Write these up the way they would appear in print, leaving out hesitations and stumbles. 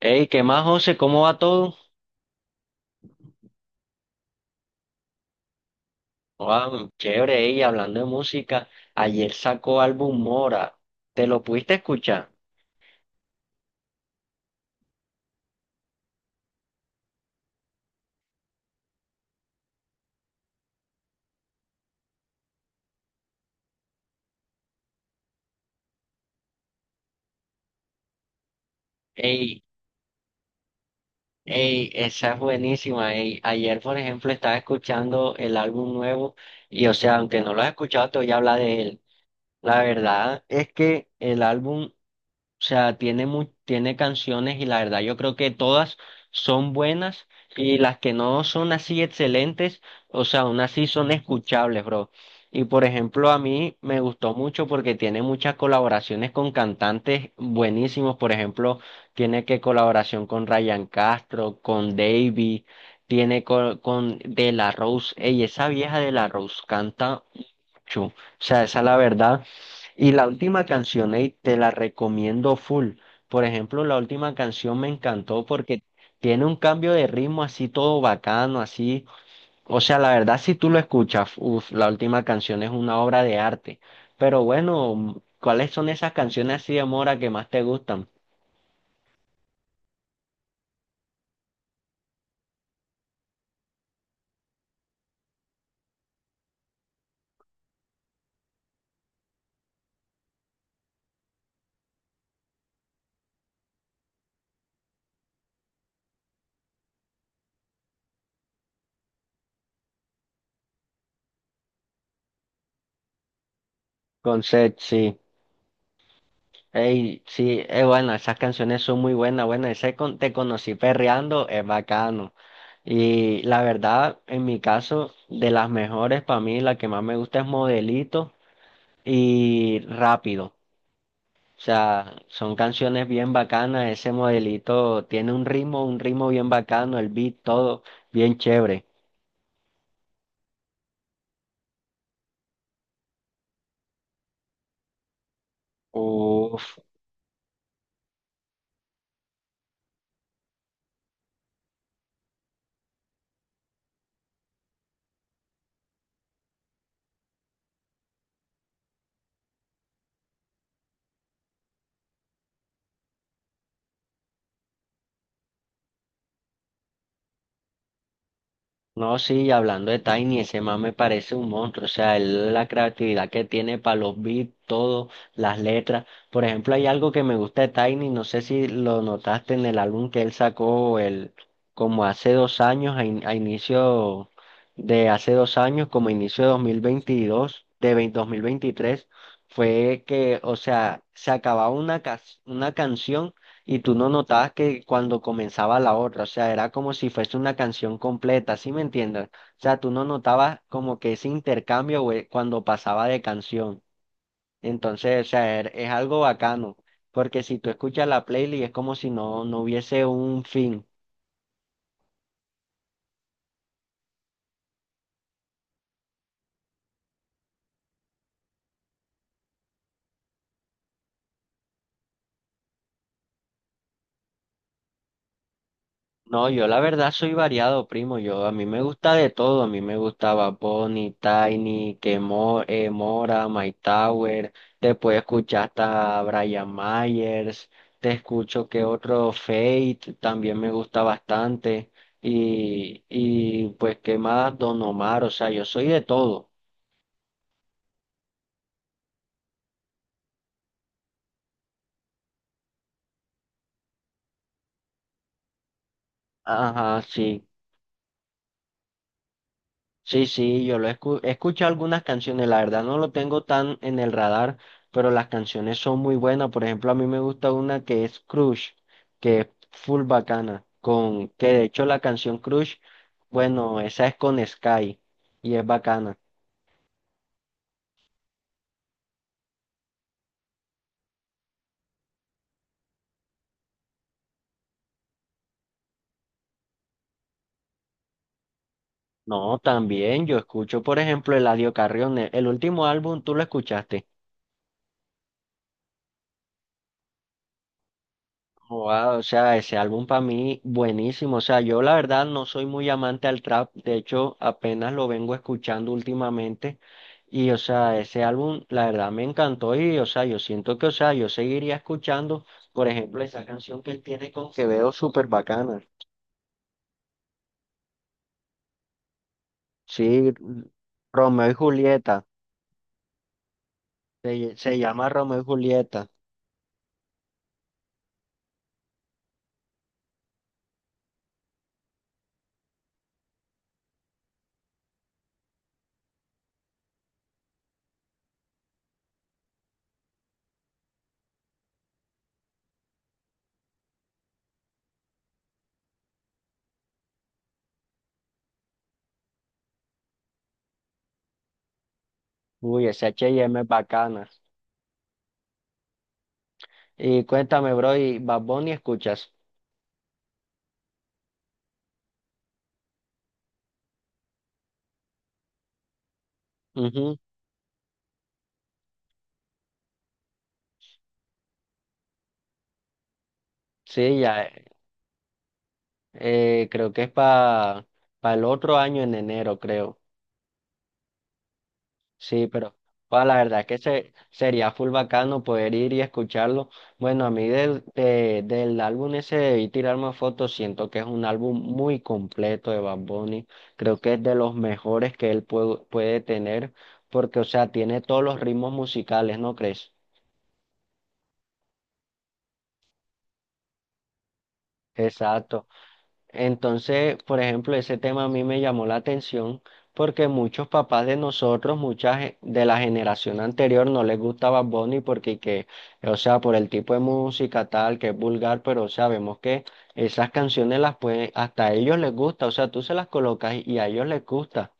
Hey, ¿qué más, José? ¿Cómo va todo? Wow, chévere, ey, hablando de música, ayer sacó álbum Mora. ¿Te lo pudiste escuchar? Ey, ey, esa es buenísima, ey. Ayer, por ejemplo, estaba escuchando el álbum nuevo y, o sea, aunque no lo has escuchado, te voy a hablar de él. La verdad es que el álbum, o sea, tiene canciones, y la verdad yo creo que todas son buenas, y las que no son así excelentes, o sea, aún así son escuchables, bro. Y por ejemplo, a mí me gustó mucho porque tiene muchas colaboraciones con cantantes buenísimos. Por ejemplo, tiene que colaboración con Ryan Castro, con Davy, con De La Rose. Ey, esa vieja De La Rose canta Chu. O sea, esa es la verdad. Y la última canción, ey, te la recomiendo full. Por ejemplo, la última canción me encantó porque tiene un cambio de ritmo así todo bacano, así. O sea, la verdad, si tú lo escuchas, uf, la última canción es una obra de arte. Pero bueno, ¿cuáles son esas canciones así de Mora que más te gustan? Con Seth, sí. Ey, sí, es bueno, esas canciones son muy buenas, bueno, te conocí perreando, es bacano. Y la verdad, en mi caso, de las mejores para mí, la que más me gusta es Modelito y Rápido. O sea, son canciones bien bacanas, ese Modelito tiene un ritmo bien bacano, el beat, todo bien chévere. Uf. No, sí, y hablando de Tiny, ese man me parece un monstruo, o sea, él, la creatividad que tiene para los beats, todo, las letras. Por ejemplo, hay algo que me gusta de Tiny, no sé si lo notaste en el álbum que él sacó como hace 2 años, a inicio de hace 2 años, como inicio de 2022, de 2023, fue que, o sea, se acababa una canción y tú no notabas que cuando comenzaba la otra, o sea, era como si fuese una canción completa, ¿sí me entiendes? O sea, tú no notabas como que ese intercambio, güey, cuando pasaba de canción. Entonces, o sea, es algo bacano, porque si tú escuchas la playlist es como si no, no hubiese un fin. No, yo la verdad soy variado, primo. Yo a mí me gusta de todo. A mí me gustaba Bonnie, Tiny, que Mora, My Tower. Después escuchar hasta Brian Myers. Te escucho que otro Fate también me gusta bastante. Y pues qué más, Don Omar. O sea, yo soy de todo. Ajá, sí. Sí, sí, he escuchado algunas canciones, la verdad no lo tengo tan en el radar, pero las canciones son muy buenas. Por ejemplo, a mí me gusta una que es Crush, que es full bacana, con que de hecho la canción Crush, bueno, esa es con Sky y es bacana. No, también yo escucho, por ejemplo, Eladio Carrión, el último álbum, ¿tú lo escuchaste? Oh, wow, o sea, ese álbum para mí buenísimo. O sea, yo la verdad no soy muy amante al trap. De hecho, apenas lo vengo escuchando últimamente. Y, o sea, ese álbum, la verdad me encantó. Y, o sea, yo siento que, o sea, yo seguiría escuchando, por ejemplo, esa canción que él tiene con Quevedo, súper bacana. Sí, Romeo y Julieta. Se llama Romeo y Julieta. Uy, ese H y M es bacana. Y cuéntame, bro, ¿y Bad Bunny escuchas? Ujú. Sí, ya. Creo que es para el otro año en enero, creo. Sí, pero bueno, la verdad que sería full bacano poder ir y escucharlo. Bueno, a mí del álbum ese y tirar más fotos, siento que es un álbum muy completo de Bad Bunny. Creo que es de los mejores que él puede tener, porque, o sea, tiene todos los ritmos musicales, ¿no crees? Exacto. Entonces, por ejemplo, ese tema a mí me llamó la atención porque muchos papás de nosotros, de la generación anterior no les gustaba Bad Bunny porque, o sea, por el tipo de música tal, que es vulgar, pero sabemos que esas canciones las pueden, hasta a ellos les gusta, o sea, tú se las colocas y a ellos les gusta.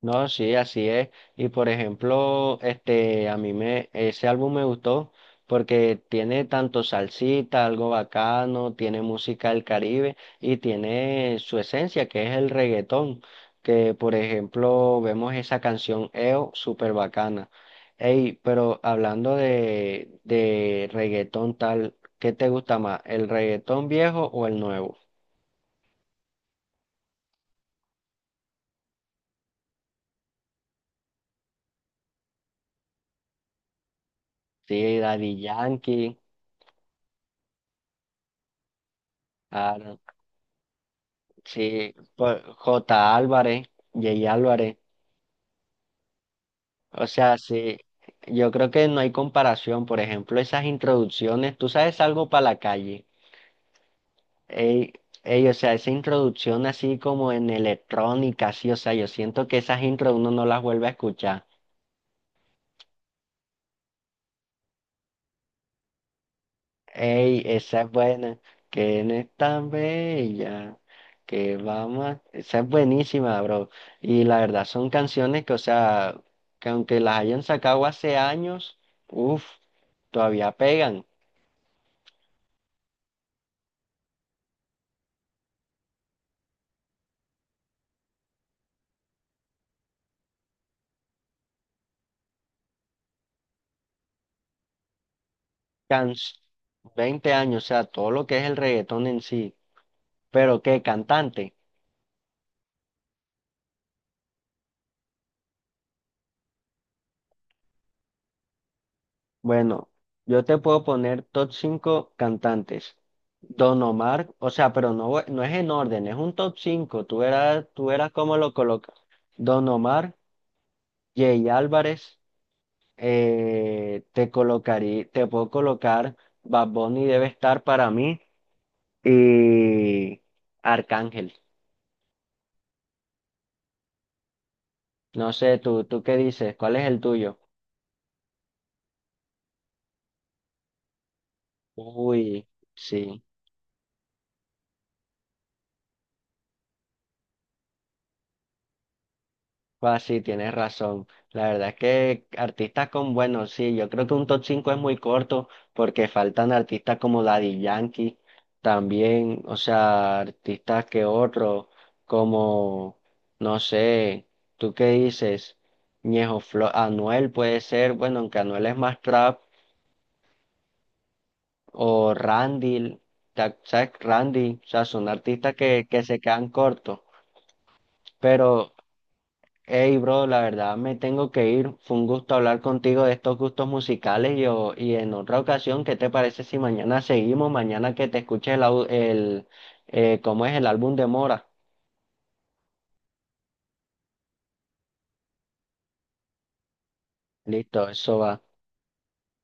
No, sí, así es. Y por ejemplo, este, ese álbum me gustó porque tiene tanto salsita, algo bacano, tiene música del Caribe y tiene su esencia, que es el reggaetón. Que por ejemplo, vemos esa canción EO, súper bacana. Ey, pero hablando de reggaetón tal, ¿qué te gusta más? ¿El reggaetón viejo o el nuevo? Sí, Daddy Yankee. Ah. Sí, pues, J. Álvarez, J. Álvarez. O sea, sí, yo creo que no hay comparación. Por ejemplo, esas introducciones, tú sabes, algo para la calle. Ey, ey, o sea, esa introducción así como en electrónica, sí, o sea, yo siento que esas intros uno no las vuelve a escuchar. Ey, esa es buena, que no es tan bella, que vamos a... Esa es buenísima, bro. Y la verdad son canciones que, o sea, que aunque las hayan sacado hace años, uff, todavía pegan. Can 20 años, o sea, todo lo que es el reggaetón en sí. Pero qué cantante. Bueno, yo te puedo poner top 5 cantantes. Don Omar, o sea, pero no, no es en orden, es un top cinco. Tú verás cómo lo colocas. Don Omar, Jay Álvarez, te puedo colocar Bad Bunny, debe estar para mí, y Arcángel. No sé, tú qué dices, ¿cuál es el tuyo? Uy, sí, pues sí, tienes razón. La verdad es que artistas con buenos, sí, yo creo que un top 5 es muy corto porque faltan artistas como Daddy Yankee, también, o sea, artistas que otros, como, no sé, ¿tú qué dices? Ñejo Flow, Anuel puede ser, bueno, aunque Anuel es más trap, o Randy, ¿sabes? Randy, o sea, son artistas que se quedan cortos, pero... Hey, bro, la verdad me tengo que ir. Fue un gusto hablar contigo de estos gustos musicales y en otra ocasión, ¿qué te parece si mañana seguimos? Mañana que te escuches el, au- el ¿cómo es el álbum de Mora? Listo, eso va.